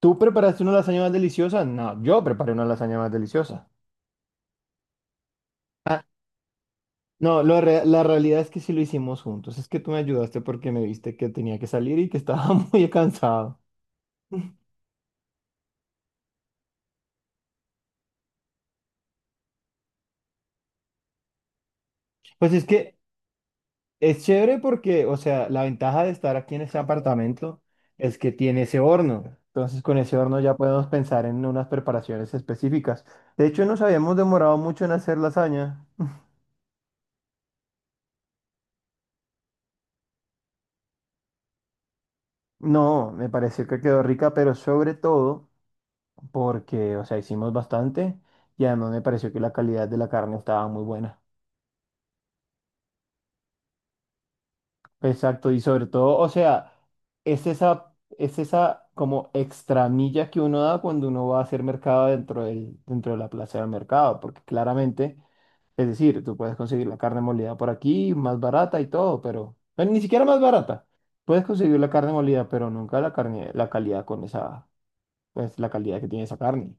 ¿Tú preparaste una lasaña más deliciosa? No, yo preparé una lasaña más deliciosa. Ah, no, la realidad es que sí lo hicimos juntos. Es que tú me ayudaste porque me viste que tenía que salir y que estaba muy cansado. Pues es que es chévere porque, o sea, la ventaja de estar aquí en este apartamento es que tiene ese horno. Entonces, con ese horno ya podemos pensar en unas preparaciones específicas. De hecho, nos habíamos demorado mucho en hacer lasaña. No, me pareció que quedó rica, pero sobre todo, porque, o sea, hicimos bastante y además me pareció que la calidad de la carne estaba muy buena. Exacto, y sobre todo, o sea, es esa como extra milla que uno da cuando uno va a hacer mercado dentro de la plaza del mercado, porque claramente, es decir, tú puedes conseguir la carne molida por aquí, más barata y todo, pero, bueno, ni siquiera más barata. Puedes conseguir la carne molida, pero nunca la calidad con esa, pues la calidad que tiene esa carne.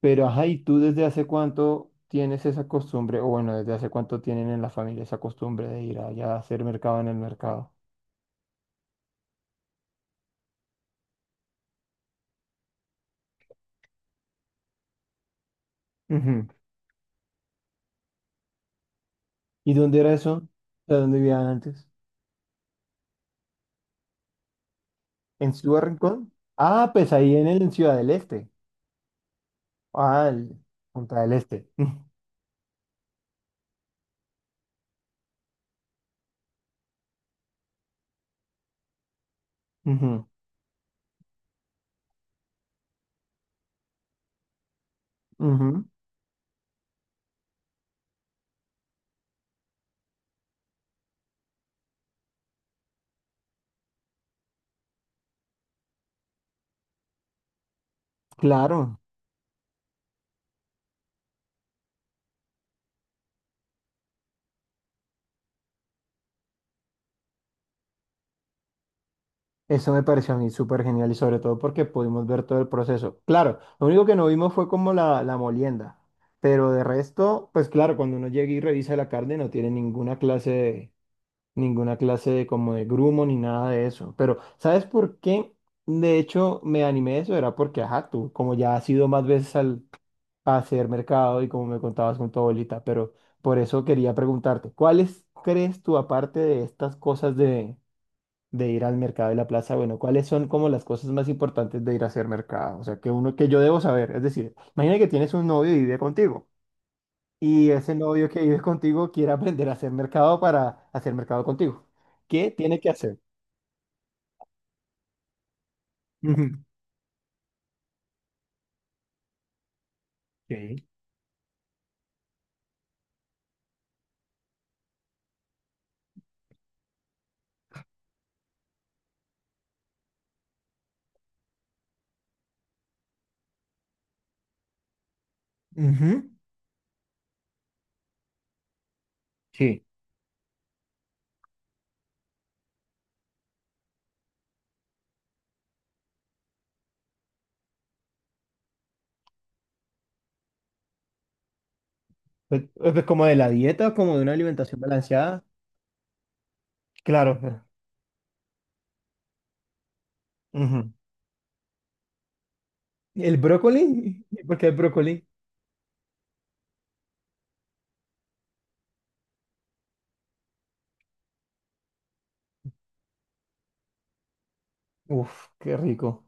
Pero, ajá, ¿y tú desde hace cuánto tienes esa costumbre? O bueno, ¿desde hace cuánto tienen en la familia esa costumbre de ir allá a hacer mercado en el mercado? Ujú. ¿Y dónde era eso? ¿De dónde vivían antes? ¿En su Rincón? Ah, pues ahí en el en Ciudad del Este. Ah, el- Punta del Este. Ujú, ujú. Claro. Eso me pareció a mí súper genial y sobre todo porque pudimos ver todo el proceso. Claro, lo único que no vimos fue como la molienda, pero de resto, pues claro, cuando uno llega y revisa la carne no tiene ninguna clase de como de grumo ni nada de eso. Pero, ¿sabes por qué? De hecho, me animé a eso, era porque, ajá, tú, como ya has ido más veces a hacer mercado y como me contabas con tu abuelita, pero por eso quería preguntarte, ¿cuáles crees tú aparte de estas cosas de ir al mercado de la plaza? Bueno, ¿cuáles son como las cosas más importantes de ir a hacer mercado? O sea, que uno, que yo debo saber, es decir, imagina que tienes un novio y vive contigo y ese novio que vive contigo quiere aprender a hacer mercado para hacer mercado contigo. ¿Qué tiene que hacer? Ujú. Sí. Ujú. Sí. Pues, pues como de la dieta, como de una alimentación balanceada. Claro. Ujú. El brócoli, ¿porque el brócoli? Uf, qué rico.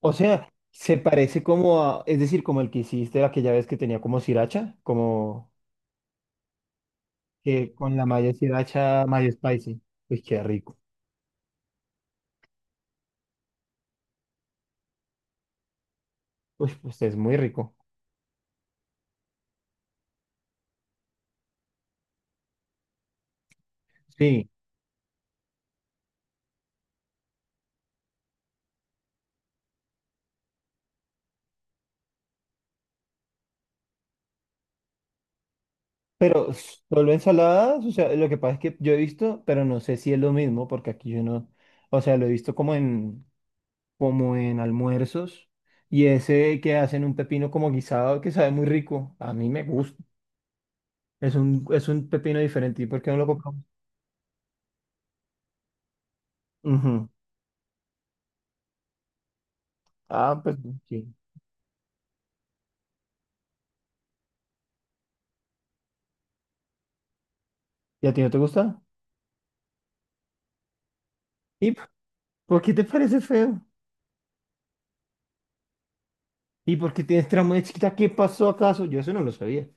O sea, se parece como a, es decir, como el que hiciste aquella vez que tenía como sriracha, como que con la malla sriracha, mayo spicy. Uy, qué rico. Uy, pues es muy rico. Sí, pero solo ensaladas, o sea, lo que pasa es que yo he visto, pero no sé si es lo mismo, porque aquí yo no, o sea, lo he visto como en, como en almuerzos, y ese que hacen un pepino como guisado que sabe muy rico, a mí me gusta. Es un pepino diferente, ¿y por qué no lo compramos? Ujú. Ah, pues sí. ¿Y a ti no te gusta? ¿Y p- por qué te parece feo? ¿Y por qué tienes trauma de chiquita? ¿Qué pasó acaso? Yo eso no lo sabía.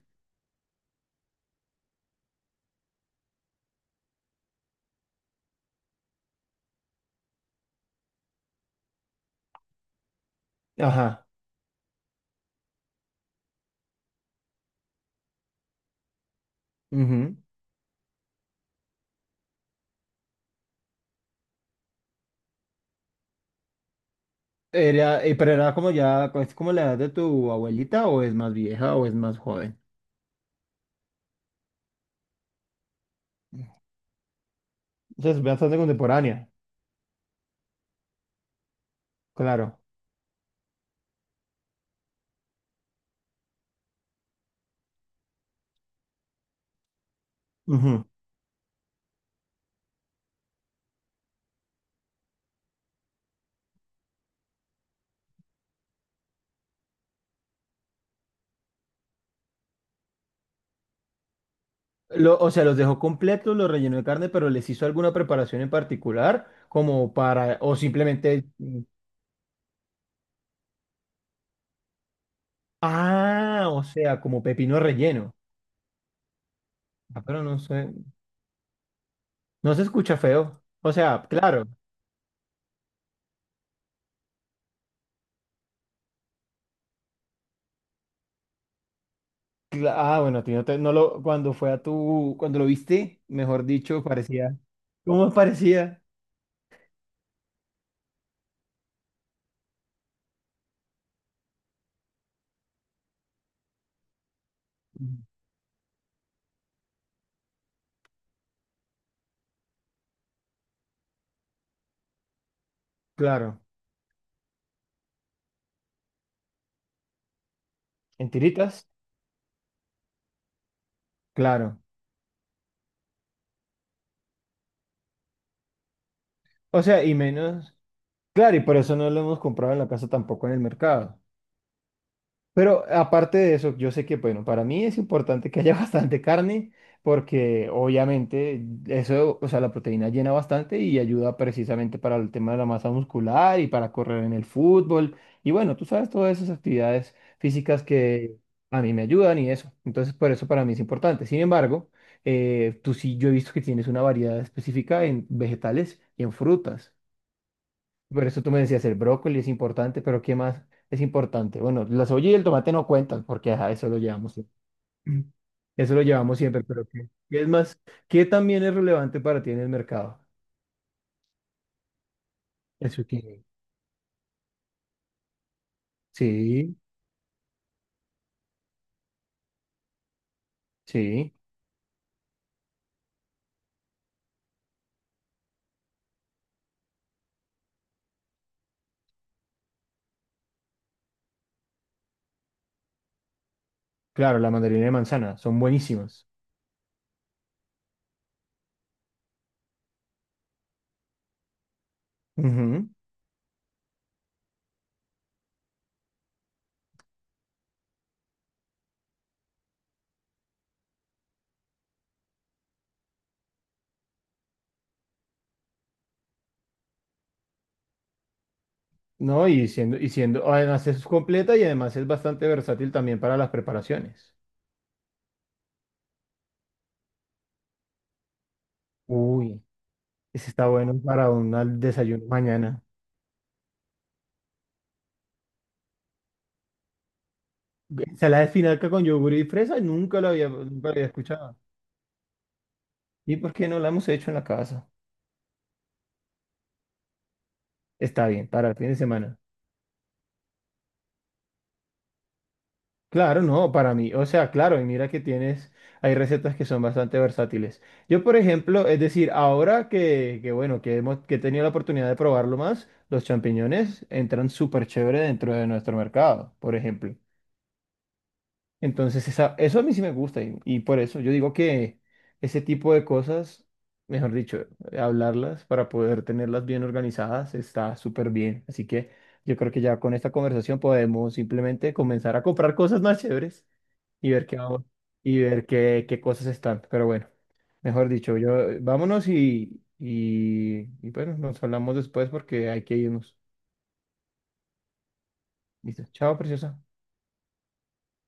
Ajá. Ujú. Era, pero era como ya, es como la edad de tu abuelita, o es más vieja, o es más joven. Entonces, bastante contemporánea. Claro. Ujú. Lo- o sea, los dejó completos, los rellenó de carne, pero les hizo alguna preparación en particular, como para, o simplemente, ah, o sea, como pepino relleno. Ah, pero no sé, no se escucha feo. O sea, claro. Cla- ah, bueno, a ti no te- no lo, cuando fue a tu, cuando lo viste, mejor dicho, parecía. ¿Cómo parecía? Mm, Claro. ¿En tiritas? Claro. O sea, y menos. Claro, y por eso no lo hemos comprado en la casa tampoco en el mercado. Pero aparte de eso, yo sé que, bueno, para mí es importante que haya bastante carne porque obviamente eso, o sea, la proteína llena bastante y ayuda precisamente para el tema de la masa muscular y para correr en el fútbol. Y bueno, tú sabes todas esas actividades físicas que a mí me ayudan y eso. Entonces, por eso para mí es importante. Sin embargo, tú sí, yo he visto que tienes una variedad específica en vegetales y en frutas. Por eso tú me decías, el brócoli es importante, pero ¿qué más es importante? Bueno, la cebolla y el tomate no cuentan, porque ajá, eso lo llevamos siempre. Mm. Eso lo llevamos siempre, pero ¿qué es más? ¿Qué también es relevante para ti en el mercado? El zucchini. Sí, sí. Claro, la mandarina de manzana, son buenísimas. Ujú. No, y siendo, además es completa y además es bastante versátil también para las preparaciones. Uy, ese está bueno para un al- desayuno mañana. Ensalada de espinaca con yogur y fresa, nunca lo había escuchado. ¿Y por qué no la hemos hecho en la casa? Está bien, para el fin de semana. Claro, no, para mí. O sea, claro, y mira que tienes, hay recetas que son bastante versátiles. Yo, por ejemplo, es decir, ahora que bueno, que he tenido la oportunidad de probarlo más, los champiñones entran súper chévere dentro de nuestro mercado, por ejemplo. Entonces, esa- eso a mí sí me gusta y por eso yo digo que ese tipo de cosas, mejor dicho, hablarlas para poder tenerlas bien organizadas está súper bien. Así que yo creo que ya con esta conversación podemos simplemente comenzar a comprar cosas más chéveres y ver qué vamos, y ver qué, qué cosas están. Pero bueno, mejor dicho, yo vámonos y bueno, nos hablamos después porque hay que irnos. Listo. Chao, preciosa.